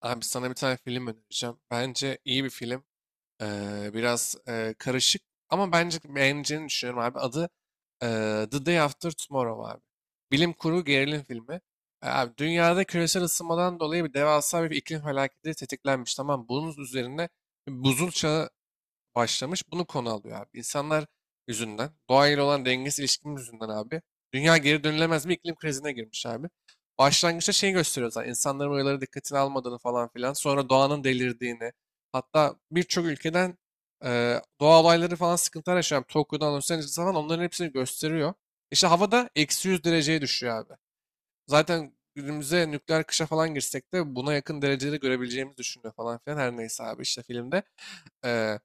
Abi sana bir tane film önereceğim. Bence iyi bir film. Biraz karışık ama bence beğeneceğini düşünüyorum abi. Adı e, The Day After Tomorrow abi. Bilim kurgu gerilim filmi. Abi dünyada küresel ısınmadan dolayı devasa bir iklim felaketi tetiklenmiş. Tamam bunun üzerine buzul çağı başlamış. Bunu konu alıyor abi. İnsanlar yüzünden, doğayla olan dengesiz ilişkimiz yüzünden abi. Dünya geri dönülemez bir iklim krizine girmiş abi. Başlangıçta şey gösteriyor zaten. İnsanların uyarıları dikkatini almadığını falan filan. Sonra doğanın delirdiğini. Hatta birçok ülkeden doğa olayları falan sıkıntılar yaşayan Tokyo'dan Los Angeles'a falan onların hepsini gösteriyor. İşte havada eksi 100 dereceye düşüyor abi. Zaten günümüze nükleer kışa falan girsek de buna yakın dereceleri görebileceğimizi düşünüyor falan filan. Her neyse abi işte filmde. E,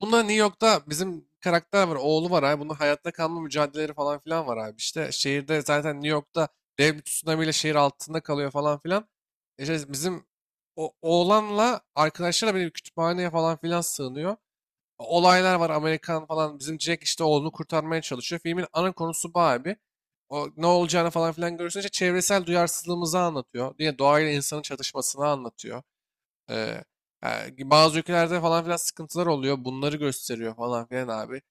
Bunda New York'ta bizim karakter var, oğlu var abi. Bunun hayatta kalma mücadeleleri falan filan var abi. İşte şehirde zaten New York'ta dev bir tsunami şehir altında kalıyor falan filan. İşte bizim oğlanla arkadaşlarla bir kütüphaneye falan filan sığınıyor. Olaylar var Amerikan falan. Bizim Jack işte oğlunu kurtarmaya çalışıyor. Filmin ana konusu bu abi. O ne olacağını falan filan görüyorsun. İşte çevresel duyarsızlığımızı anlatıyor. Yine doğayla insanın çatışmasını anlatıyor. Ee, ha, Bazı ülkelerde falan filan sıkıntılar oluyor. Bunları gösteriyor falan filan abi.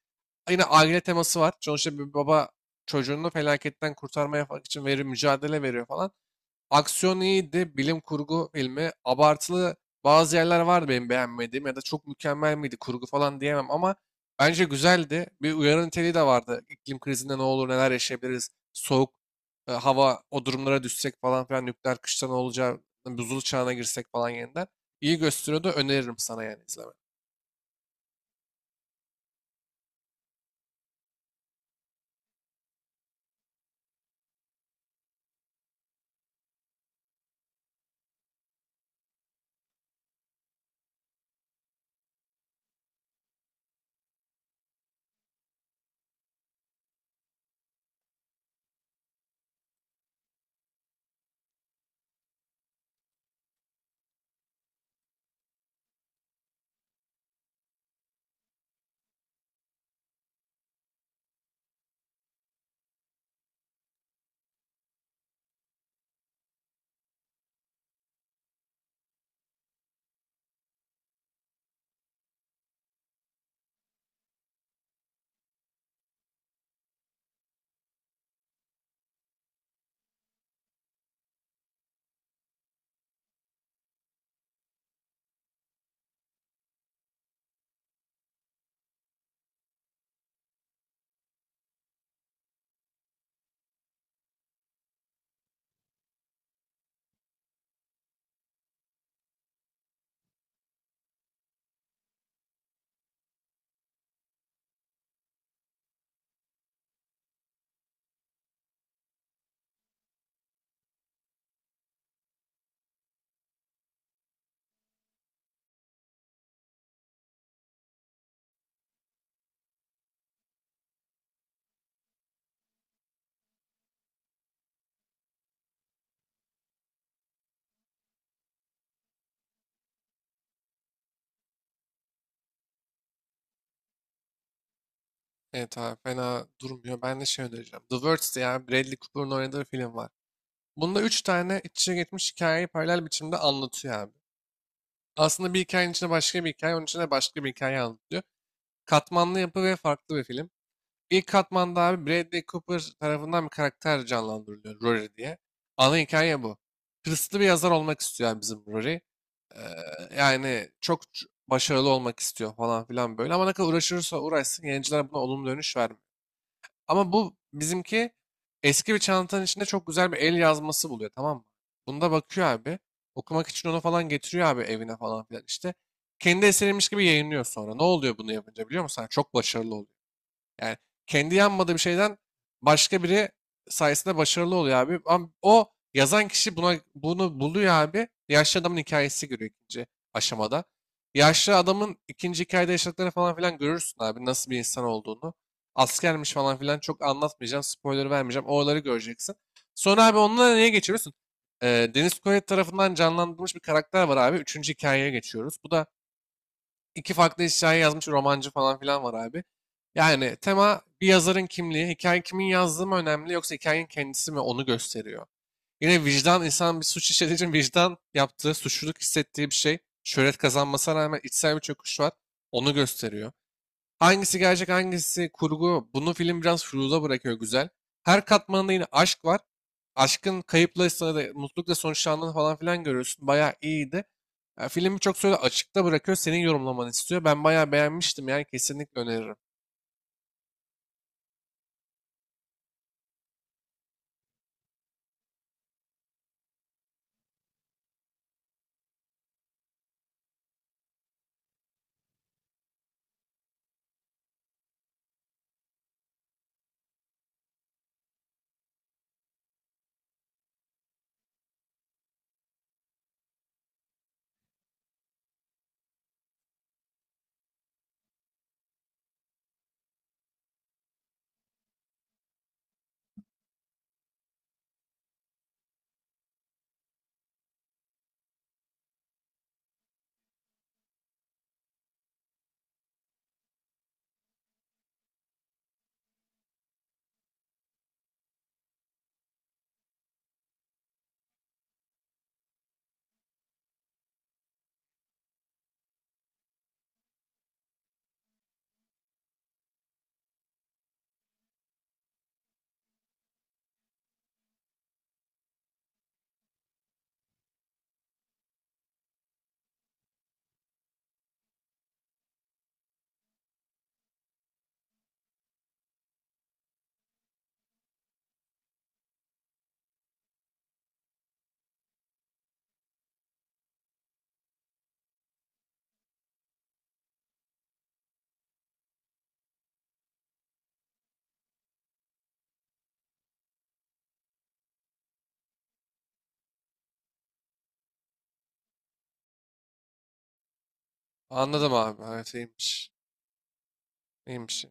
Yine aile teması var. Sonuçta bir baba çocuğunu felaketten kurtarmaya falan için verir, mücadele veriyor falan. Aksiyon iyiydi. Bilim kurgu filmi. Abartılı bazı yerler vardı benim beğenmediğim ya da çok mükemmel miydi kurgu falan diyemem ama bence güzeldi. Bir uyarı niteliği de vardı. İklim krizinde ne olur neler yaşayabiliriz. Soğuk hava o durumlara düşsek falan filan nükleer kışta ne olacağı, buzul çağına girsek falan yeniden. İyi gösteriyordu. Öneririm sana yani izleme. Evet abi fena durmuyor. Ben de şey önereceğim. The Words diye abi Bradley Cooper'ın oynadığı film var. Bunda üç tane iç içe geçmiş hikayeyi paralel biçimde anlatıyor abi. Aslında bir hikayenin içinde başka bir hikaye, onun içinde başka bir hikaye anlatıyor. Katmanlı yapı ve farklı bir film. İlk katmanda abi Bradley Cooper tarafından bir karakter canlandırılıyor, Rory diye. Ana hikaye bu. Hırslı bir yazar olmak istiyor yani bizim Rory. Yani çok başarılı olmak istiyor falan filan böyle. Ama ne kadar uğraşırsa uğraşsın yayıncılar buna olumlu dönüş vermiyor. Ama bu bizimki eski bir çantanın içinde çok güzel bir el yazması buluyor, tamam mı? Bunda bakıyor abi. Okumak için onu falan getiriyor abi evine falan filan işte. Kendi eseriymiş gibi yayınlıyor sonra. Ne oluyor bunu yapınca biliyor musun? Hani çok başarılı oluyor. Yani kendi yanmadığı bir şeyden başka biri sayesinde başarılı oluyor abi. Ama o yazan kişi buna bunu buluyor abi. Yaşlı adamın hikayesi görüyor ikinci aşamada. Yaşlı adamın ikinci hikayede yaşadıklarını falan filan görürsün abi. Nasıl bir insan olduğunu. Askermiş falan filan, çok anlatmayacağım. Spoiler vermeyeceğim. Oraları göreceksin. Sonra abi onunla neye geçiyorsun? Deniz Koyet tarafından canlandırılmış bir karakter var abi. Üçüncü hikayeye geçiyoruz. Bu da iki farklı hikaye yazmış romancı falan filan var abi. Yani tema bir yazarın kimliği, hikaye kimin yazdığı mı önemli yoksa hikayenin kendisi mi, onu gösteriyor. Yine vicdan, insan bir suç işlediği için vicdan yaptığı, suçluluk hissettiği bir şey. Şöhret kazanmasına rağmen içsel bir çöküş var. Onu gösteriyor. Hangisi gerçek hangisi kurgu bunu film biraz furuza bırakıyor, güzel. Her katmanında yine aşk var. Mutlulukla sonuçlandığını falan filan görüyorsun. Bayağı iyiydi. Ya, filmi çok söyle açıkta bırakıyor. Senin yorumlamanı istiyor. Ben bayağı beğenmiştim yani kesinlikle öneririm. Anladım abi. Evet iyiymiş. İyiymiş.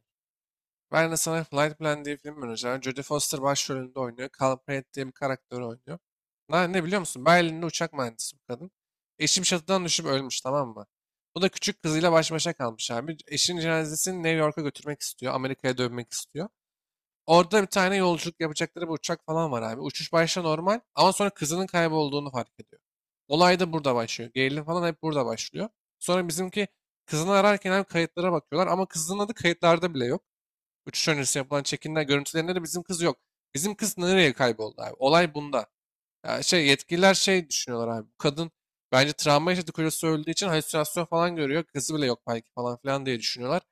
Ben de sana Flight Plan diye film önereceğim. Jodie Foster başrolünde oynuyor. Call Pratt diye bir karakteri oynuyor. Ne biliyor musun? Berlin'de uçak mühendisi bu kadın. Eşim bir çatıdan düşüp ölmüş, tamam mı? Bu da küçük kızıyla baş başa kalmış abi. Eşinin cenazesini New York'a götürmek istiyor. Amerika'ya dönmek istiyor. Orada bir tane yolculuk yapacakları bir uçak falan var abi. Uçuş başta normal ama sonra kızının kaybolduğunu fark ediyor. Olay da burada başlıyor. Gerilim falan hep burada başlıyor. Sonra bizimki kızını ararken hem kayıtlara bakıyorlar ama kızının adı kayıtlarda bile yok. Uçuş öncesi yapılan çekimler görüntülerinde de bizim kız yok. Bizim kız nereye kayboldu abi? Olay bunda. Ya şey yetkililer şey düşünüyorlar abi. Bu kadın bence travma yaşadı, kocası öldüğü için halüsinasyon falan görüyor. Kızı bile yok belki falan filan diye düşünüyorlar.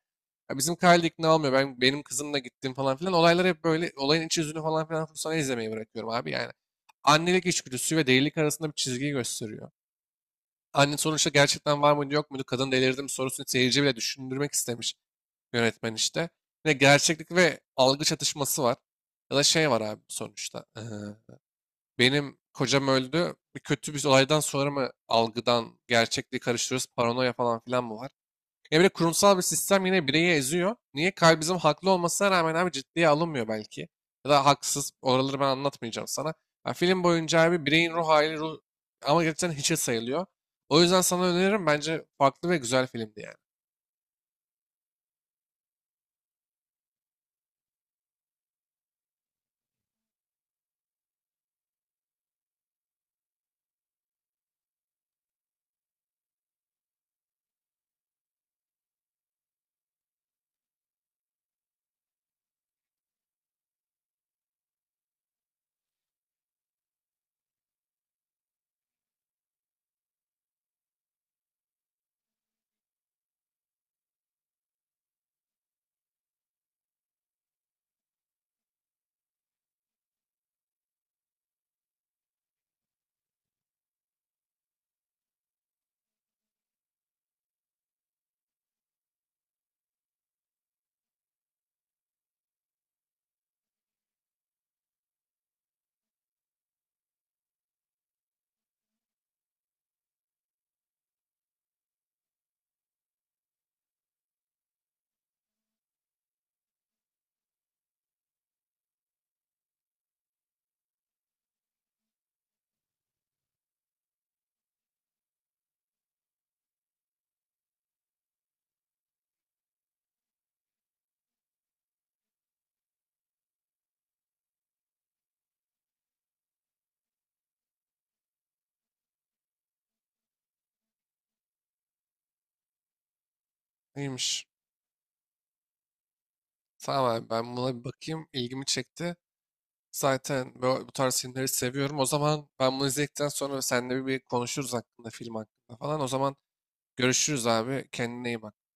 Ya bizim Kyle de ikna olmuyor. Ben benim kızımla gittim falan filan. Olaylar hep böyle, olayın iç yüzünü falan filan sana izlemeyi bırakıyorum abi yani. Annelik içgüdüsü ve delilik arasında bir çizgiyi gösteriyor. Anne sonuçta gerçekten var mıydı yok muydu, kadın delirdi mi sorusunu seyirci bile düşündürmek istemiş yönetmen işte. Yine gerçeklik ve algı çatışması var. Ya da şey var abi sonuçta. Benim kocam öldü. Bir kötü bir olaydan sonra mı algıdan gerçekliği karıştırıyoruz? Paranoya falan filan mı var? Ya bir kurumsal bir sistem yine bireyi eziyor. Niye? Kalbimizin haklı olmasına rağmen abi ciddiye alınmıyor belki. Ya da haksız. Oraları ben anlatmayacağım sana. Ya film boyunca abi bireyin ruh hali, ruh... ama gerçekten hiçe sayılıyor. O yüzden sana öneririm. Bence farklı ve güzel filmdi yani. İyiymiş. Tamam abi ben buna bir bakayım. İlgimi çekti. Zaten bu tarz filmleri seviyorum. O zaman ben bunu izledikten sonra seninle bir konuşuruz hakkında, film hakkında falan. O zaman görüşürüz abi. Kendine iyi bak.